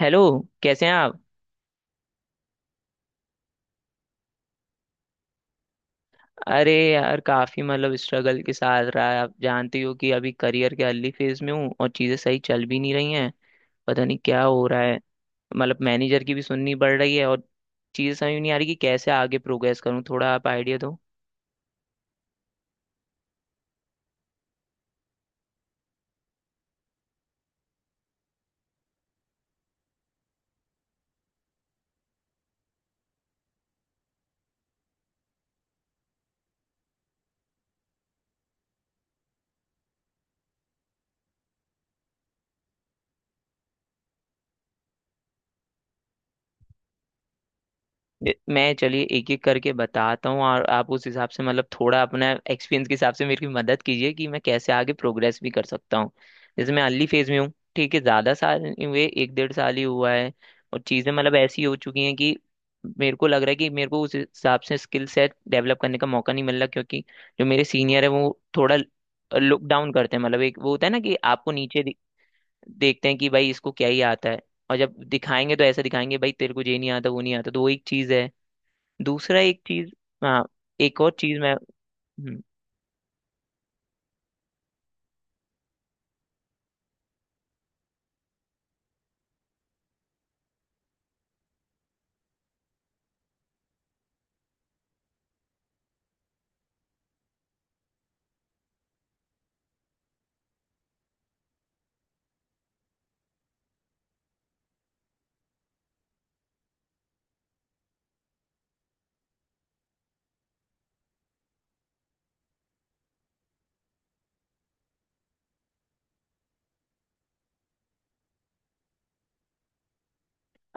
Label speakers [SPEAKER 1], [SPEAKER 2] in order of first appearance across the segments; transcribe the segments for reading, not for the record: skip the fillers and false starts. [SPEAKER 1] Hello. कैसे हैं आप? अरे यार, काफी मतलब स्ट्रगल के साथ रहा है। आप जानती हो कि अभी करियर के अर्ली फेज में हूँ और चीजें सही चल भी नहीं रही हैं। पता नहीं क्या हो रहा है। मतलब मैनेजर की भी सुननी पड़ रही है और चीजें समझ नहीं आ रही कि कैसे आगे प्रोग्रेस करूँ। थोड़ा आप आइडिया दो। मैं चलिए एक एक करके बताता हूँ और आप उस हिसाब से मतलब थोड़ा अपना एक्सपीरियंस के हिसाब से मेरी मदद कीजिए कि मैं कैसे आगे प्रोग्रेस भी कर सकता हूँ। जैसे मैं अर्ली फेज में हूँ, ठीक है, ज़्यादा साल नहीं हुए, एक डेढ़ साल ही हुआ है। और चीज़ें मतलब ऐसी हो चुकी हैं कि मेरे को लग रहा है कि मेरे को उस हिसाब से स्किल सेट डेवलप करने का मौका नहीं मिल रहा, क्योंकि जो मेरे सीनियर है वो थोड़ा लुक डाउन करते हैं। मतलब एक वो होता है ना कि आपको नीचे देखते हैं कि भाई इसको क्या ही आता है। और जब दिखाएंगे तो ऐसा दिखाएंगे, भाई तेरे को ये नहीं आता वो नहीं आता, तो वो एक चीज़ है। दूसरा एक चीज। हाँ। एक और चीज मैं। हम्म।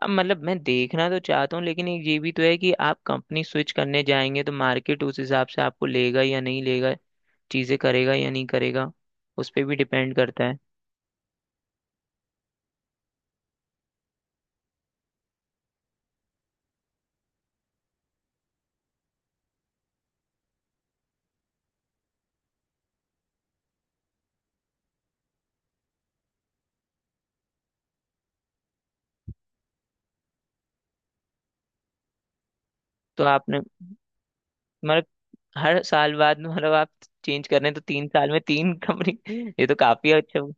[SPEAKER 1] अब मतलब मैं देखना तो चाहता हूँ, लेकिन एक ये भी तो है कि आप कंपनी स्विच करने जाएंगे तो मार्केट उस हिसाब से आपको लेगा या नहीं लेगा, चीजें करेगा या नहीं करेगा, उस पर भी डिपेंड करता है। तो आपने मतलब हर साल बाद मतलब आप चेंज कर रहे हैं, तो 3 साल में तीन कंपनी ये तो काफी अच्छा हुआ।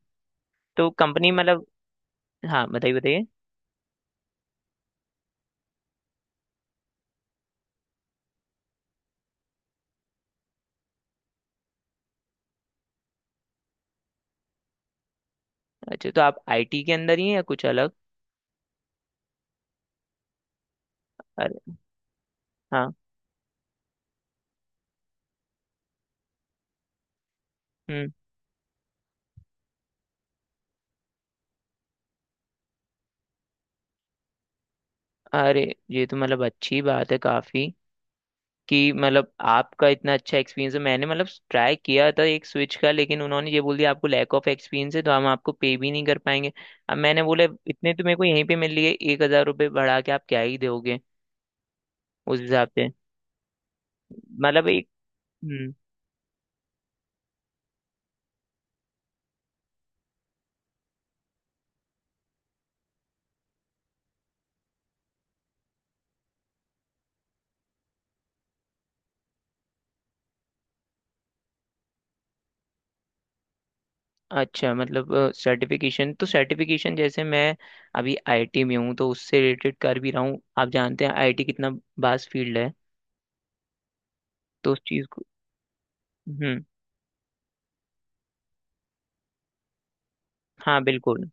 [SPEAKER 1] तो कंपनी मतलब। हाँ बताइए बताइए। अच्छा तो आप आईटी के अंदर ही हैं या कुछ अलग? अरे। हाँ। हम्म। अरे, ये तो मतलब अच्छी बात है काफी कि मतलब आपका इतना अच्छा एक्सपीरियंस है। मैंने मतलब ट्राई किया था एक स्विच का, लेकिन उन्होंने ये बोल दिया आपको लैक ऑफ एक्सपीरियंस है तो हम आपको पे भी नहीं कर पाएंगे। अब मैंने बोला इतने तो मेरे को यहीं पे मिल लिए, 1,000 रुपये बढ़ा के आप क्या ही दोगे उस हिसाब से? मतलब एक। हम्म। अच्छा, मतलब सर्टिफिकेशन तो सर्टिफिकेशन जैसे मैं अभी आईटी में हूँ तो उससे रिलेटेड कर भी रहा हूँ। आप जानते हैं आईटी कितना वास्ट फील्ड है, तो उस चीज़ को। हम्म। हाँ बिल्कुल।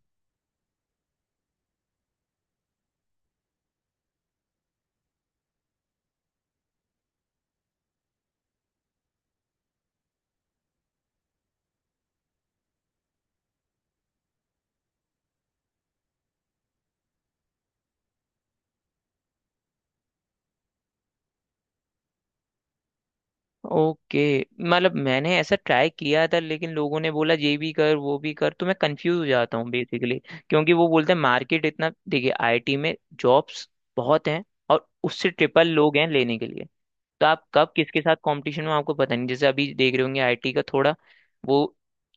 [SPEAKER 1] ओके। मतलब मैंने ऐसा ट्राई किया था, लेकिन लोगों ने बोला ये भी कर वो भी कर, तो मैं कंफ्यूज हो जाता हूँ बेसिकली। क्योंकि वो बोलते हैं मार्केट इतना देखिए आईटी में जॉब्स बहुत हैं, और उससे ट्रिपल लोग हैं लेने के लिए। तो आप कब किसके साथ कंपटीशन में आपको पता नहीं। जैसे अभी देख रहे होंगे आईटी का थोड़ा वो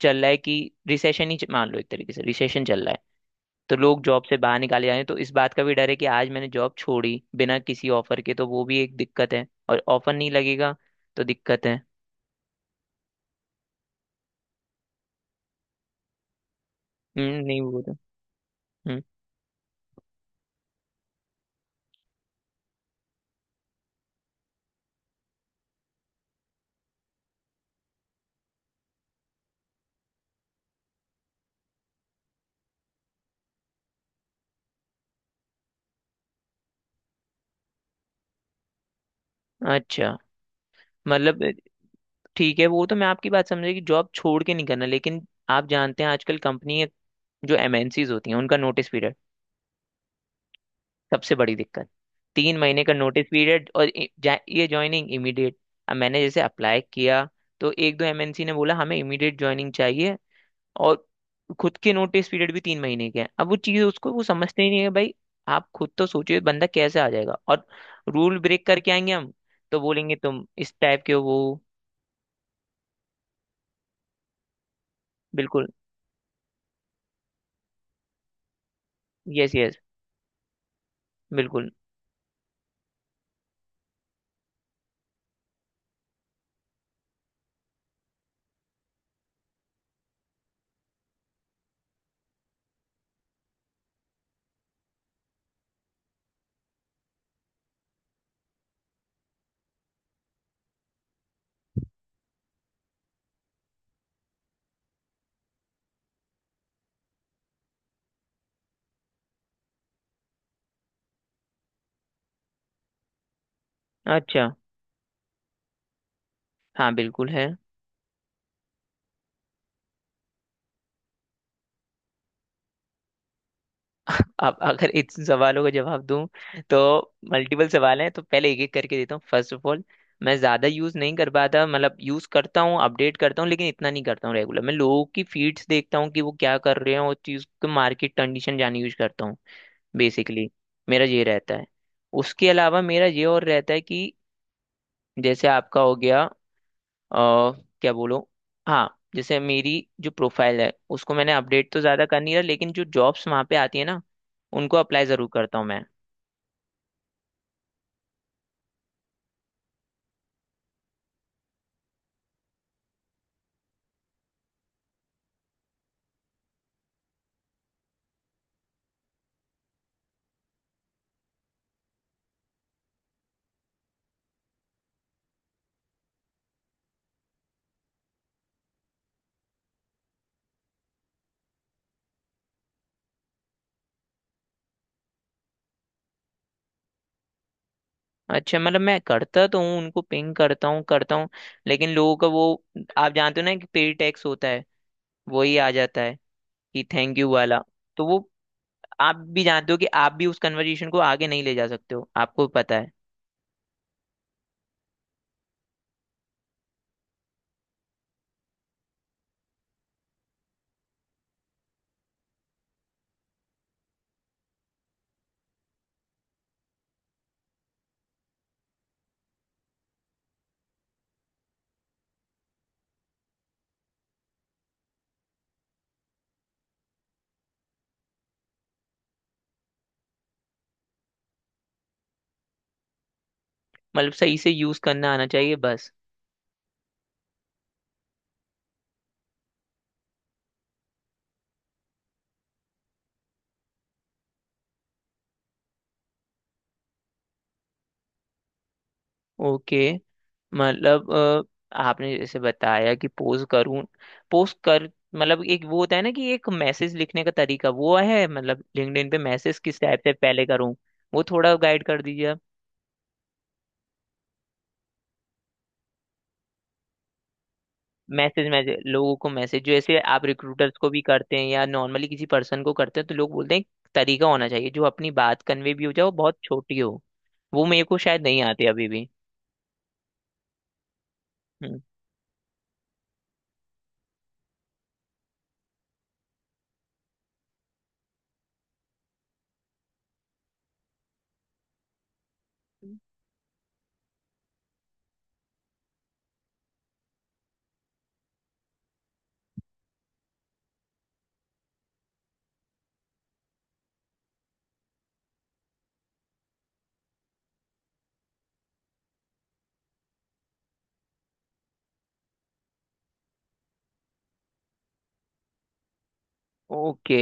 [SPEAKER 1] चल रहा है कि रिसेशन ही मान लो, एक तरीके से रिसेशन चल रहा है, तो लोग जॉब से बाहर निकाले जा रहे हैं। तो इस बात का भी डर है कि आज मैंने जॉब छोड़ी बिना किसी ऑफर के, तो वो भी एक दिक्कत है और ऑफर नहीं लगेगा, तो दिक्कत है। हम्म, नहीं वो तो। हम्म। अच्छा, मतलब ठीक है, वो तो मैं आपकी बात समझे कि जॉब छोड़ के नहीं करना, लेकिन आप जानते हैं आजकल कंपनी जो एमएनसीज होती हैं उनका नोटिस पीरियड सबसे बड़ी दिक्कत। 3 महीने का नोटिस पीरियड और ये ज्वाइनिंग इमीडिएट। अब मैंने जैसे अप्लाई किया तो एक दो एमएनसी ने बोला हमें इमीडिएट ज्वाइनिंग चाहिए, और खुद के नोटिस पीरियड भी 3 महीने के हैं। अब वो चीज उसको वो समझते ही नहीं है भाई। आप खुद तो सोचिए बंदा कैसे आ जाएगा, और रूल ब्रेक करके आएंगे हम तो बोलेंगे तुम इस टाइप के हो, वो। बिल्कुल। Yes yes. बिल्कुल। अच्छा। हाँ बिल्कुल है। अब अगर इन सवालों का जवाब दूं तो मल्टीपल सवाल हैं, तो पहले एक एक करके देता हूँ। फर्स्ट ऑफ ऑल, मैं ज्यादा यूज नहीं कर पाता। मतलब यूज करता हूँ अपडेट करता हूँ लेकिन इतना नहीं करता हूँ रेगुलर। मैं लोगों की फीड्स देखता हूँ कि वो क्या कर रहे हैं और चीज को मार्केट कंडीशन जाने यूज करता हूँ बेसिकली। मेरा ये रहता है। उसके अलावा मेरा ये और रहता है कि जैसे आपका हो गया, अ, क्या बोलो। हाँ, जैसे मेरी जो प्रोफाइल है उसको मैंने अपडेट तो ज़्यादा कर नहीं रहा, लेकिन जो जॉब्स वहाँ पे आती है ना उनको अप्लाई ज़रूर करता हूँ मैं। अच्छा, मतलब मैं करता तो हूँ, उनको पिंग करता हूँ करता हूँ, लेकिन लोगों का वो, आप जानते हो ना कि पे टैक्स होता है, वही आ जाता है, कि थैंक यू वाला। तो वो, आप भी जानते हो कि आप भी उस कन्वर्जेशन को आगे नहीं ले जा सकते हो, आपको पता है। मतलब सही से यूज़ करना आना चाहिए बस। ओके। मतलब आपने जैसे बताया कि पोस्ट करूं, पोस्ट कर। मतलब एक वो होता है ना कि एक मैसेज लिखने का तरीका वो है। मतलब लिंक्डइन पे मैसेज किस टाइप से पहले करूं? वो थोड़ा गाइड कर दीजिए आप। मैसेज मैसेज लोगों को मैसेज, जैसे आप रिक्रूटर्स को भी करते हैं या नॉर्मली किसी पर्सन को करते हैं। तो लोग बोलते हैं एक तरीका होना चाहिए जो अपनी बात कन्वे भी हो जाए और बहुत छोटी हो। वो मेरे को शायद नहीं आती अभी भी। हम्म। ओके।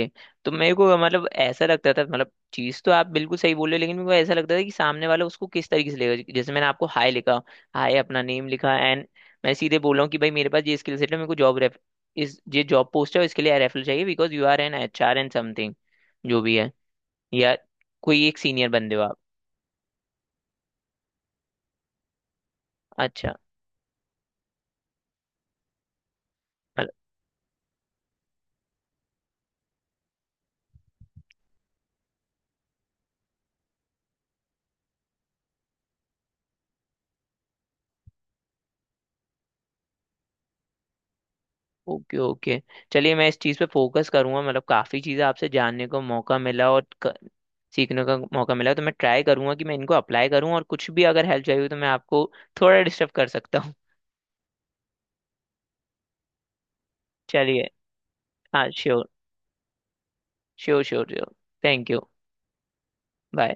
[SPEAKER 1] तो मेरे को मतलब ऐसा लगता था, मतलब चीज तो आप बिल्कुल सही बोल रहे हो, लेकिन मेरे को ऐसा लगता था कि सामने वाला उसको किस तरीके से लेगा। जैसे मैंने आपको हाय लिखा, हाय अपना नेम लिखा एंड मैं सीधे बोल रहा हूँ कि भाई मेरे पास ये स्किल सेट है, मेरे को जॉब रेफ, इस ये जॉब पोस्ट है और इसके लिए रेफरल चाहिए because you are an H R and something, जो भी है, या कोई एक सीनियर बंदे हो आप। अच्छा। Okay okay. चलिए मैं इस चीज़ पे फोकस करूंगा। मतलब काफ़ी चीज़ें आपसे जानने को मौका मिला और सीखने का मौका मिला, तो मैं ट्राई करूंगा कि मैं इनको अप्लाई करूं। और कुछ भी अगर हेल्प चाहिए हो तो मैं आपको थोड़ा डिस्टर्ब कर सकता हूँ। चलिए। हाँ sure. Sure sure sure. Thank you. Bye.